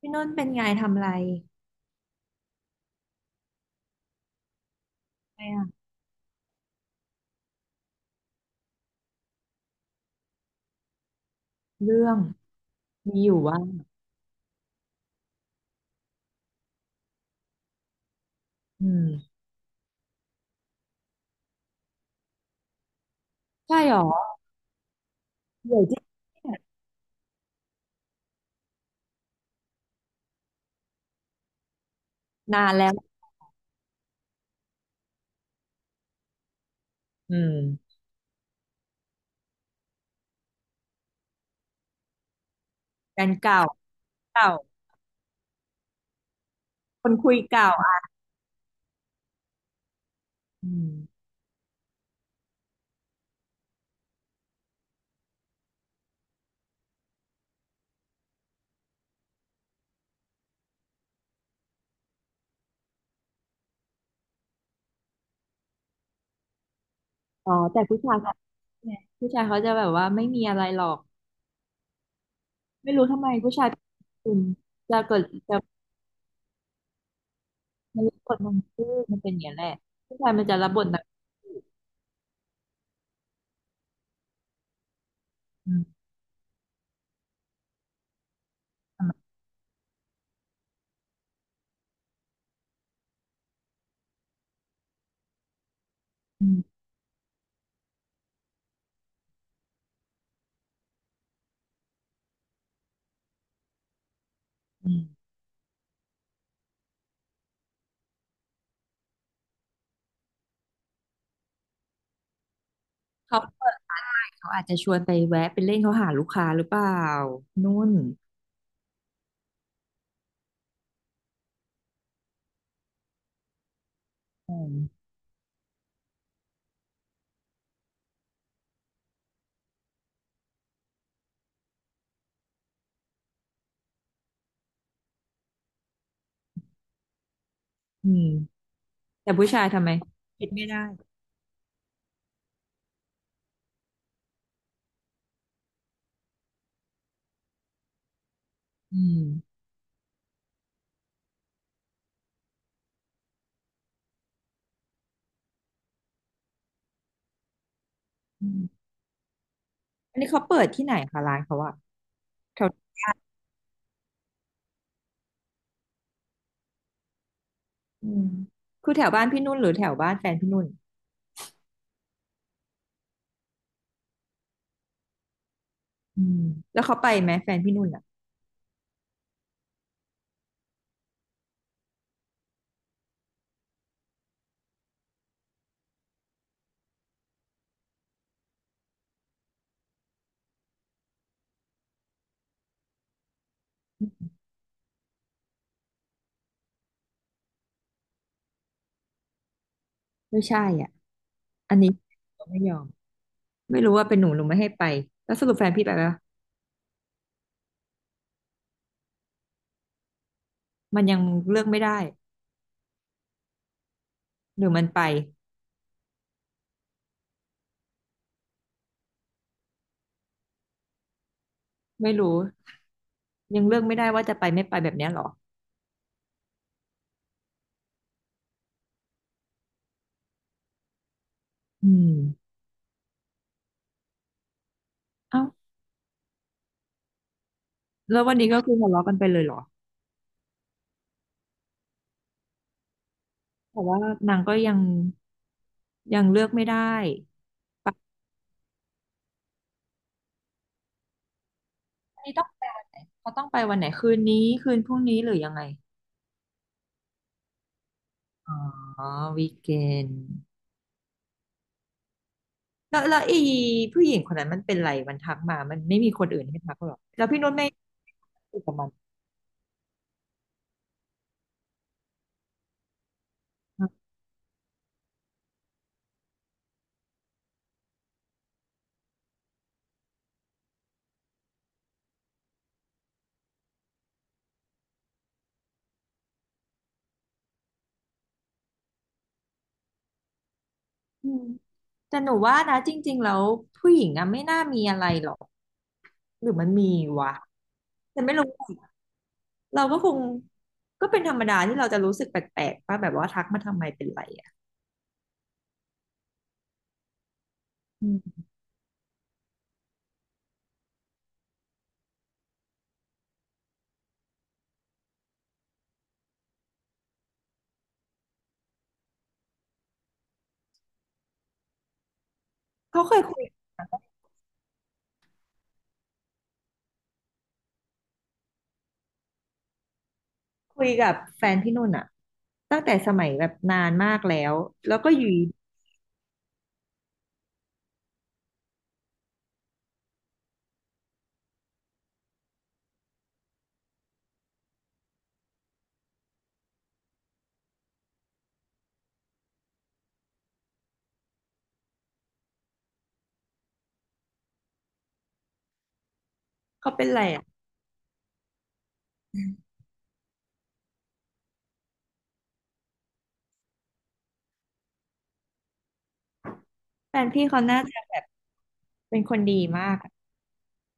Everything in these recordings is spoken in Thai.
พี่นุ่นเป็นไงทำอะไรไม่อะเรื่องมีอยู่ว่าอืมใช่หรอเดี๋ยวที่นานแล้วอืมแฟนเก่าเก่าคนคุยเก่าอะอืมอ๋อแต่ผู้ชายเขาเนี่ยผู้ชายเขาจะแบบว่าไม่มีอะไรหรอกไม่รู้ทำไมผู้ชายคุณจะเกิดจะมันรับบทนางเอกมันเป็นอย่างนี้แหละผู้ชายมันจะรับบทนางเอกอืมทำไมอืมอืมเขาเปิดเขาอาจจะชวนไปแวะไปเล่นเขาหาลูกค้าหรือเปล่านุ่นอืมอืม แต่ผู้ชายทำไมคิดไม่ได้อืมอืมอันนี้เขาเปิดที่ไหนคะร้านเขาอะแถวอืมคือแถวบ้านพี่นุ่นหรือแถวบ้านแฟนพี่นุ่นอืมแล้วเขาไปไหมแฟนพี่นุ่นอะไม่ใช่อ่ะอันนี้เขาไม่ยอม ไม่รู้ว่าเป็นหนูหนูไม่ให้ไป แล้วสรุปแฟนพี่ไปปะมันยังเลือกไม่ได้หรือมันไปไม่รู้ยังเลือกไม่ได้ว่าจะไปไม่ไปแบบเนี้ยเหรออืมเอ้าแล้ววันนี้ก็คือทะเลาะกันไปเลยเหรอแต่ว่านางก็ยังยังเลือกไม่ได้ นี่ต้องไปวันไหนเขาต้องไปวันไหนคืนนี้คืนพรุ่งนี้หรือยังไงอ๋อวีเกนแล้วแล้วไอ้ผู้หญิงคนนั้นมันเป็นไรมันทักมามันไม่มีคนอื่นให้ทักหรอกแล้วพี่นุชไม่คุยกับมันอืมแต่หนูว่านะจริงๆแล้วผู้หญิงอะไม่น่ามีอะไรหรอกหรือมันมีวะแต่ไม่รู้อะเราก็คงก็เป็นธรรมดาที่เราจะรู้สึกแปลกๆป่ะแบบว่าทักมาทำไมเป็นไรอ่ะอืมเขาเคยคุย คุยกับแฟนพี่นุ่นอะตั้งแต่สมัยแบบนานมากแล้วแล้วก็อยู่ดีเขาเป็นไรอะแฟนพี่เขาน่าจะแบบเป็นคนดีมากอะ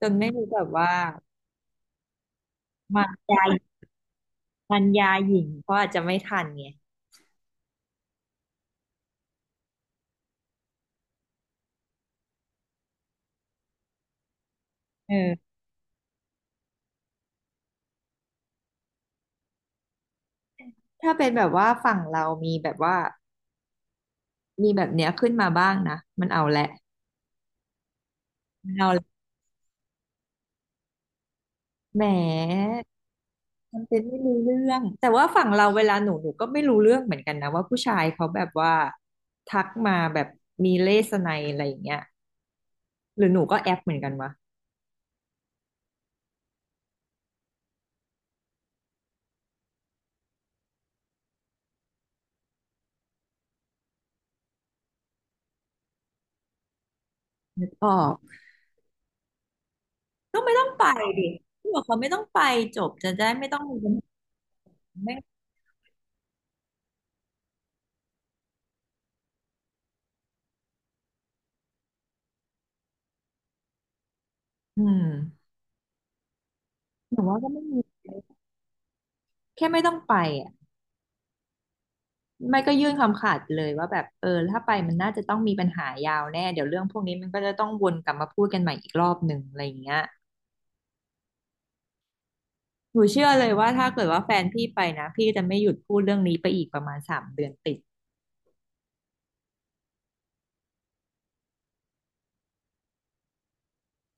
จนไม่รู้แบบว่ามายามันยาหญิงเขาอาจจะไม่ทันไงเออถ้าเป็นแบบว่าฝั่งเรามีแบบว่ามีแบบเนี้ยขึ้นมาบ้างนะมันเอาแหละมันเอาแหละแหมมันเป็นไม่รู้เรื่องแต่ว่าฝั่งเราเวลาหนูหนูก็ไม่รู้เรื่องเหมือนกันนะว่าผู้ชายเขาแบบว่าทักมาแบบมีเลสไนอะไรอย่างเงี้ย หรือหนูก็แอปเหมือนกันวะออกก็ไม่ต้องไปดิที่บอกเขาไม่ต้องไปจบจะได้ไม่ต้องมีปัญหาไม่อืมหนูว่าก็ไม่มีแค่ไม่ต้องไปอ่ะไม่ก็ยื่นคำขาดไปเลยว่าแบบเออถ้าไปมันน่าจะต้องมีปัญหายาวแน่เดี๋ยวเรื่องพวกนี้มันก็จะต้องวนกลับมาพูดกันใหม่อีกรอบหนึ่งอะไรอย่างเงี้ยหนูเชื่อเลยว่าถ้าเกิดว่าแฟนพี่ไปนะพี่จะไม่หยุดพูดเรื่องนี้ไปอีกประมาณ3 เดือนติด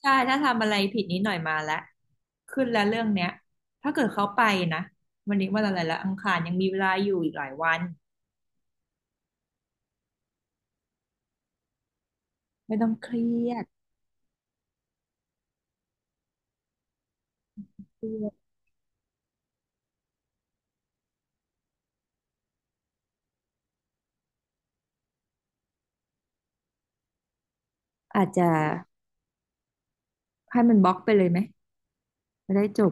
ใช่ถ้าทำอะไรผิดนิดหน่อยมาแล้วขึ้นแล้วเรื่องเนี้ยถ้าเกิดเขาไปนะวันนี้วันอะไรละอังคารยังมีเวลาอยู่อีกหลายวันไม่ต้องเครียดเครียดอาจจะให้มันบล็อกไปเลยไหมจะได้จบ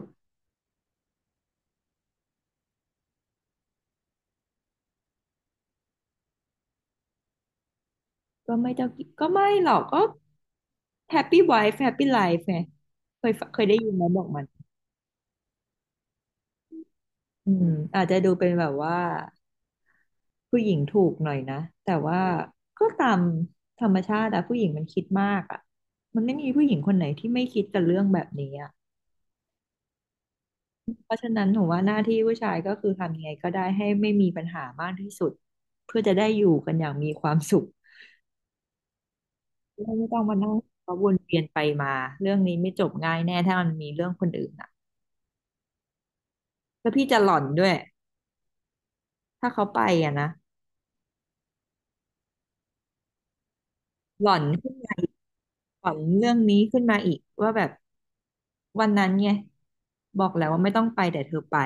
ก็ไม่ต้องก็ไม่หรอกก็แฮปปี้ไวฟ์แฮปปี้ไลฟ์ไงเคยเคยได้ยินไหมบอกมันอืมอาจจะดูเป็นแบบว่าผู้หญิงถูกหน่อยนะแต่ว่าก็ตามธรรมชาติอะผู้หญิงมันคิดมากอะมันไม่มีผู้หญิงคนไหนที่ไม่คิดกับเรื่องแบบนี้อะ เพราะฉะนั้นหนูว่าหน้าที่ผู้ชายก็คือทำยังไงก็ได้ให้ไม่มีปัญหามากที่สุดเพื่อจะได้อยู่กันอย่างมีความสุขไม่ต้องมานั่งเพราะวนเวียนไปมาเรื่องนี้ไม่จบง่ายแน่ถ้ามันมีเรื่องคนอื่นอ่ะแล้วพี่จะหล่อนด้วยถ้าเขาไปอ่ะนะหล่อนขึ้นหล่อนเรื่องนี้ขึ้นมาอีกว่าแบบวันนั้นไงบอกแล้วว่าไม่ต้องไปแต่เธอไป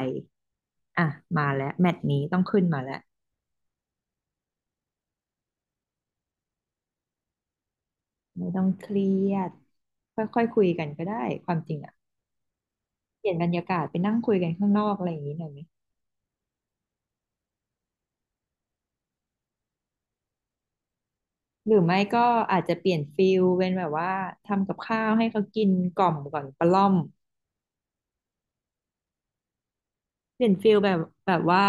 อ่ะมาแล้วแมตช์นี้ต้องขึ้นมาแล้วไม่ต้องเครียดค่อยๆคุยกันก็ได้ความจริงอ่ะ เปลี่ยนบรรยากาศไปนั่งคุยกันข้างนอกอะไรอย่างนี้หน่อยไหมหรือไม่ก็อาจจะเปลี่ยนฟิลเป็นแบบว่าทำกับข้าวให้เขากินกล่อมก่อนประล่อมเปลี่ยนฟิลแบบแบบว่า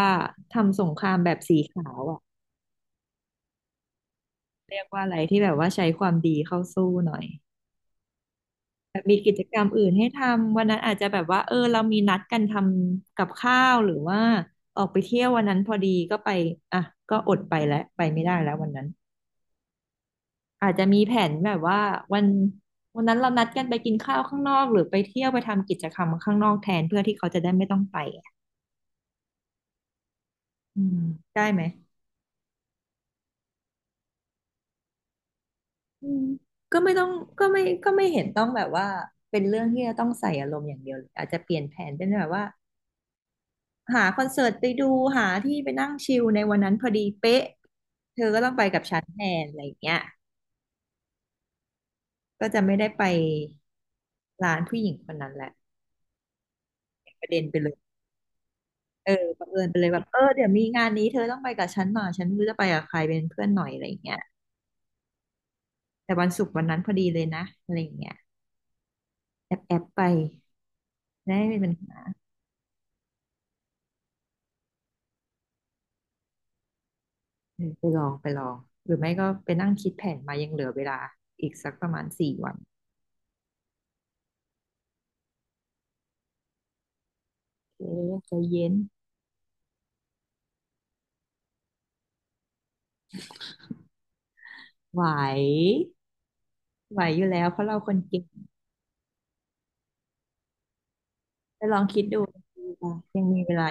ทำสงครามแบบสีขาวอ่ะเรียกว่าอะไรที่แบบว่าใช้ความดีเข้าสู้หน่อยแบบมีกิจกรรมอื่นให้ทำวันนั้นอาจจะแบบว่าเออเรามีนัดกันทำกับข้าวหรือว่าออกไปเที่ยววันนั้นพอดีก็ไปอ่ะก็อดไปแล้วไปไม่ได้แล้ววันนั้น อาจจะมีแผนแบบว่าวันวันนั้นเรานัดกันไปกินข้าวข้างนอกหรือไปเที่ยวไปทำกิจกรรมข้างนอกแทนเพื่อที่เขาจะได้ไม่ต้องไปอะอืมได้ไหมอืมก็ไม่ต้องก็ไม่ก็ไม่เห็นต้องแบบว่าเป็นเรื่องที่จะต้องใส่อารมณ์อย่างเดียวเลยอาจจะเปลี่ยนแผนเป็นแบบว่าหาคอนเสิร์ตไปดูหาที่ไปนั่งชิลในวันนั้นพอดีเป๊ะเธอก็ต้องไปกับฉันแทนอะไรอย่างเงี้ยก็จะไม่ได้ไปร้านผู้หญิงคนนั้นแหละเป็นประเด็นไปเลย เออบังเอิญไปเลยแบบเออเดี๋ยวมีงานนี้เธอต้องไปกับฉันหน่อยฉันไม่รู้จะไปกับใครเป็นเพื่อนหน่อยอะไรอย่างเงี้ยแต่วันศุกร์วันนั้นพอดีเลยนะอะไรอย่างเงี้ยแอบแอบไปได้ไม่เป็นปัญหาเออไปลองหรือไม่ก็ไปนั่งคิดแผนมายังเหลือเวลาอีกสักประมาณ4 วันเออใจเย็นไหวไหวอยู่แล้วเพราะเราคนเก่งไปลองคิดดูยังมีเวลา